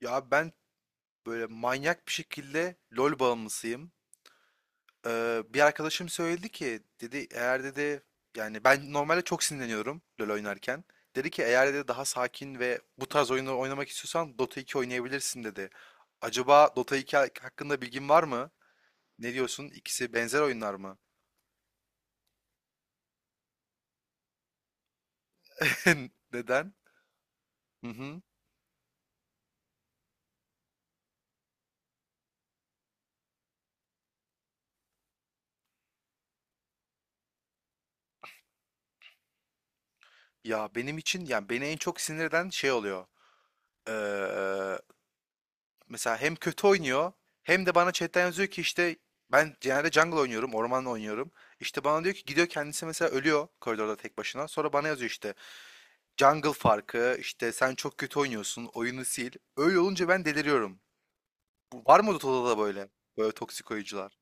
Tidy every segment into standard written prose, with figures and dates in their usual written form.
Ya ben böyle manyak bir şekilde LoL bağımlısıyım. Bir arkadaşım söyledi ki dedi eğer dedi yani ben normalde çok sinirleniyorum LoL oynarken. Dedi ki eğer dedi daha sakin ve bu tarz oyunları oynamak istiyorsan Dota 2 oynayabilirsin dedi. Acaba Dota 2 hakkında bilgin var mı? Ne diyorsun? İkisi benzer oyunlar mı? Neden? Hı hı. Ya benim için yani beni en çok sinir eden şey oluyor. Ee, Mesela hem kötü oynuyor hem de bana chatten yazıyor ki işte ben genelde jungle oynuyorum, ormanla oynuyorum. İşte bana diyor ki gidiyor kendisi mesela ölüyor koridorda tek başına. Sonra bana yazıyor işte jungle farkı, işte sen çok kötü oynuyorsun, oyunu sil. Öyle olunca ben deliriyorum. Var mı Dota'da da böyle? Böyle toksik oyuncular.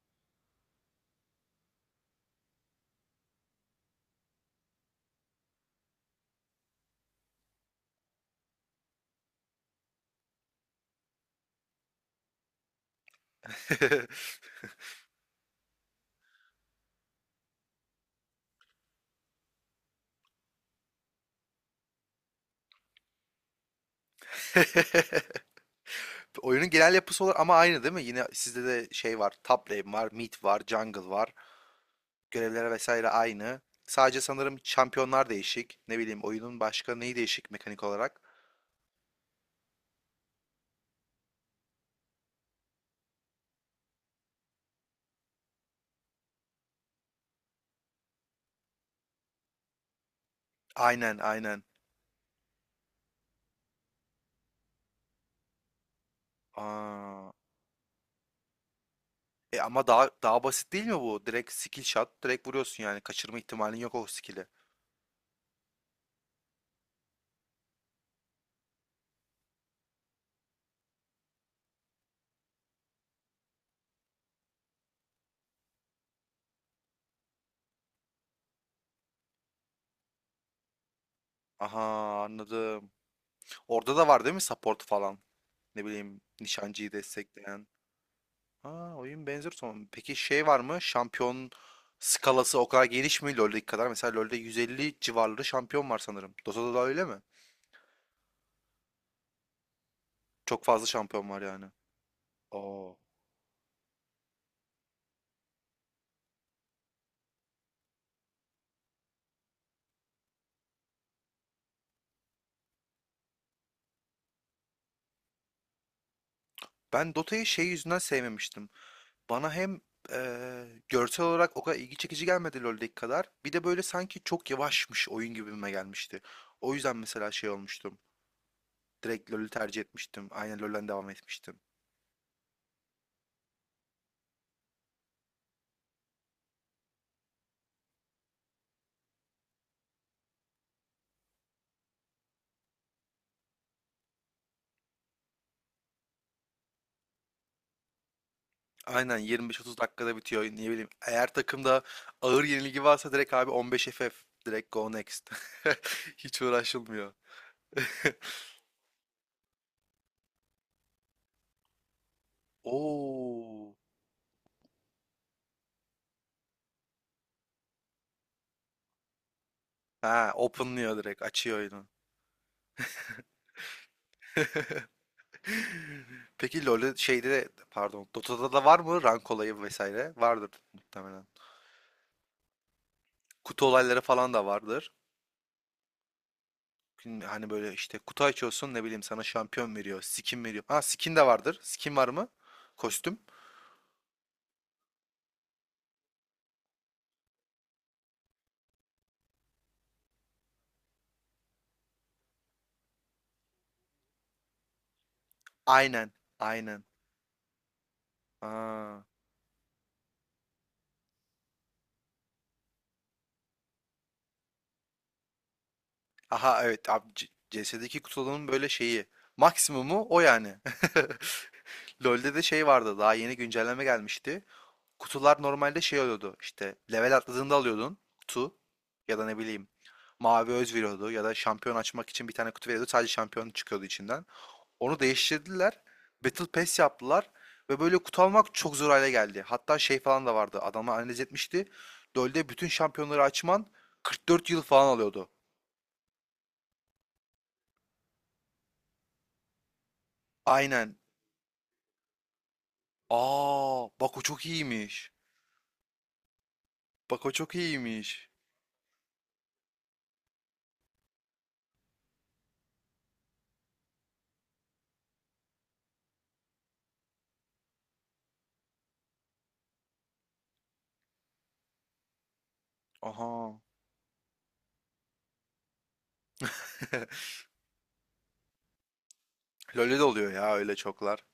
Oyunun genel yapısı olur ama aynı değil mi? Yine sizde de şey var. Top lane var, mid var, jungle var. Görevler vesaire aynı. Sadece sanırım şampiyonlar değişik. Ne bileyim oyunun başka neyi değişik mekanik olarak? Aynen aynen. Aa, ama daha basit değil mi bu? Direkt skill shot, direkt vuruyorsun yani. Kaçırma ihtimalin yok o skill'i. Aha, anladım. Orada da var değil mi support falan? Ne bileyim nişancıyı destekleyen. Ha, oyun benzer son. Peki şey var mı? Şampiyon skalası o kadar geniş mi LoL'deki kadar? Mesela LoL'de 150 civarları şampiyon var sanırım. Dota'da da öyle mi? Çok fazla şampiyon var yani. Oo. Ben Dota'yı şey yüzünden sevmemiştim. Bana hem görsel olarak o kadar ilgi çekici gelmedi LoL'deki kadar. Bir de böyle sanki çok yavaşmış oyun gibime gelmişti. O yüzden mesela şey olmuştum. Direkt LoL'ü tercih etmiştim. Aynen LoL'den devam etmiştim. Aynen 25-30 dakikada bitiyor. Ne bileyim. Eğer takımda ağır yenilgi varsa direkt abi 15 FF. Direkt go next. Hiç uğraşılmıyor. Oo. Ha, openlıyor direkt. Açıyor oyunu. Peki LoL'de pardon Dota'da da var mı rank olayı vesaire? Vardır muhtemelen. Kutu olayları falan da vardır. Hani böyle işte kutu açıyorsun ne bileyim sana şampiyon veriyor, skin veriyor. Ha, skin de vardır. Skin var mı? Kostüm. Aynen. Aynen. Aa. Aha, evet abi CS'deki kutuların böyle şeyi. Maksimumu o yani. LoL'de de şey vardı, daha yeni güncelleme gelmişti. Kutular normalde şey oluyordu işte level atladığında alıyordun kutu ya da ne bileyim mavi öz veriyordu ya da şampiyon açmak için bir tane kutu veriyordu, sadece şampiyon çıkıyordu içinden. Onu değiştirdiler. Battle Pass yaptılar ve böyle kutu almak çok zor hale geldi. Hatta şey falan da vardı, adamlar analiz etmişti. LoL'de bütün şampiyonları açman 44 yıl falan alıyordu. Aynen. Aa, bak o çok iyiymiş. Bak o çok iyiymiş. Aha. LoL'de de oluyor ya, öyle çoklar.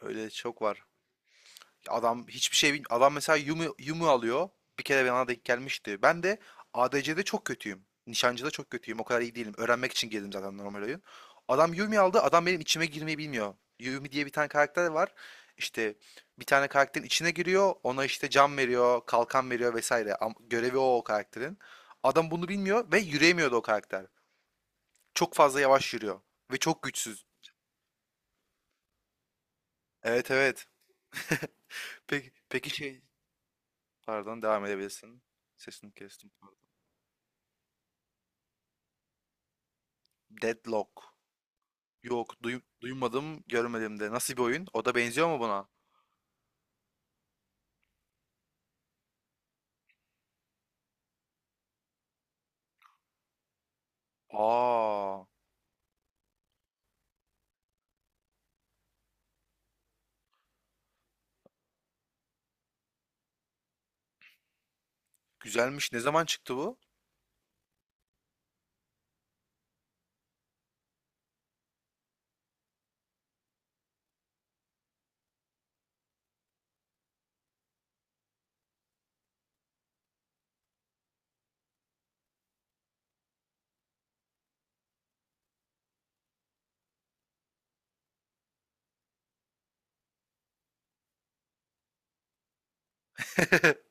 Öyle çok var. Adam hiçbir şey bilmiyor. Adam mesela Yumu alıyor. Bir kere bana denk gelmişti. Ben de ADC'de çok kötüyüm. Nişancı'da çok kötüyüm. O kadar iyi değilim. Öğrenmek için girdim zaten normal oyun. Adam Yumi aldı. Adam benim içime girmeyi bilmiyor. Yumi diye bir tane karakter var. İşte bir tane karakterin içine giriyor. Ona işte cam veriyor, kalkan veriyor vesaire. Görevi o, o karakterin. Adam bunu bilmiyor ve yürüyemiyordu o karakter. Çok fazla yavaş yürüyor. Ve çok güçsüz. Evet, evet. Peki, peki şey... Pardon, devam edebilirsin. Sesini kestim. Deadlock. Yok, duymadım, görmedim de. Nasıl bir oyun? O da benziyor mu buna? Aa, güzelmiş. Ne zaman çıktı bu?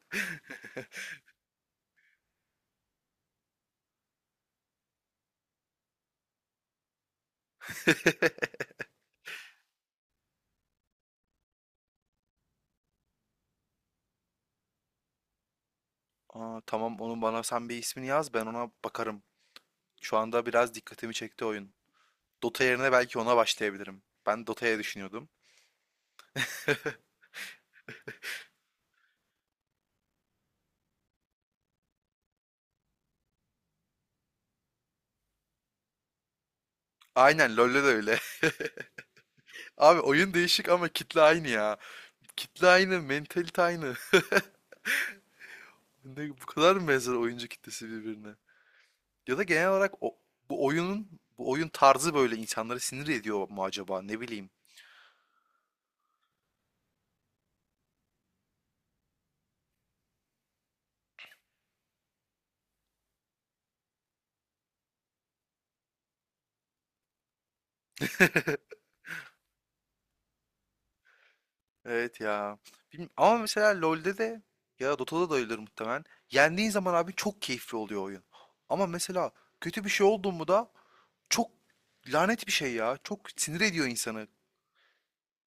Aa, tamam, onu bana sen bir ismini yaz, ben ona bakarım. Şu anda biraz dikkatimi çekti oyun. Dota yerine belki ona başlayabilirim. Ben Dota'ya düşünüyordum. Aynen, LoL'de de öyle. Abi oyun değişik ama kitle aynı ya. Kitle aynı, mentalite aynı. Ne, bu kadar mı benzer oyuncu kitlesi birbirine? Ya da genel olarak bu oyunun bu oyun tarzı böyle insanları sinir ediyor mu acaba? Ne bileyim. Evet ya. Bilmiyorum. Ama mesela LoL'de de ya da Dota'da da öyledir muhtemelen. Yendiğin zaman abi çok keyifli oluyor oyun. Ama mesela kötü bir şey oldu mu da çok lanet bir şey ya. Çok sinir ediyor insanı.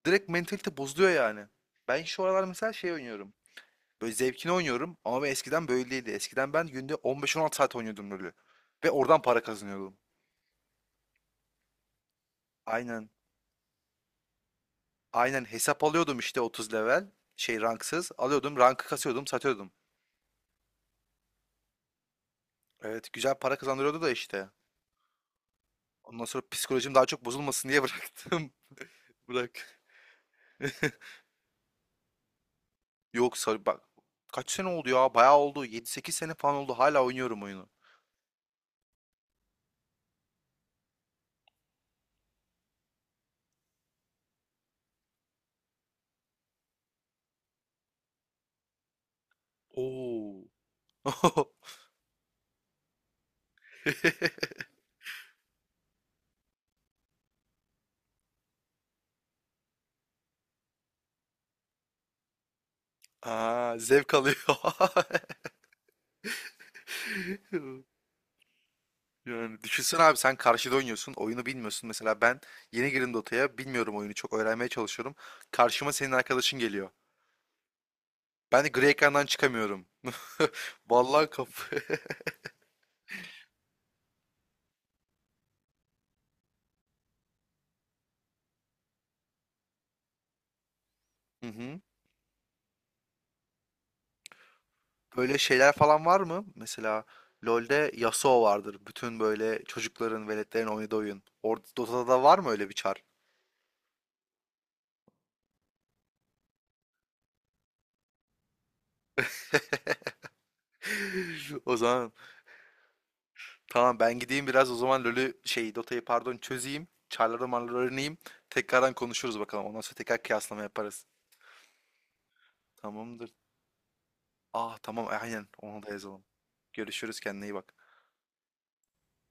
Direkt mentalite bozuluyor yani. Ben şu aralar mesela şey oynuyorum. Böyle zevkini oynuyorum ama ben eskiden böyleydi. Eskiden ben günde 15-16 saat oynuyordum LoL'ü. Ve oradan para kazanıyordum. Aynen. Aynen hesap alıyordum işte 30 level. Şey, ranksız. Alıyordum, rankı kasıyordum, satıyordum. Evet, güzel para kazandırıyordu da işte. Ondan sonra psikolojim daha çok bozulmasın diye bıraktım. Bırak. Yok, sar bak. Kaç sene oldu ya? Bayağı oldu. 7-8 sene falan oldu. Hala oynuyorum oyunu. Oo. Aa, zevk alıyor. Yani düşünsene abi, sen karşıda oynuyorsun. Oyunu bilmiyorsun. Mesela ben yeni girdim Dota'ya. Bilmiyorum oyunu, çok öğrenmeye çalışıyorum. Karşıma senin arkadaşın geliyor. Ben de gri ekrandan çıkamıyorum. Vallahi kapı. Hı hı. Böyle şeyler falan var mı? Mesela LoL'de Yasuo vardır. Bütün böyle çocukların, veletlerin oynadığı oyun. Or Dota'da da var mı öyle bir çar? O zaman tamam, ben gideyim biraz o zaman LoL'ü şey Dota'yı pardon çözeyim. Çarları marları öğreneyim. Tekrardan konuşuruz bakalım. Ondan sonra tekrar kıyaslama yaparız. Tamamdır. Ah tamam, aynen onu da yazalım. Görüşürüz, kendine iyi bak.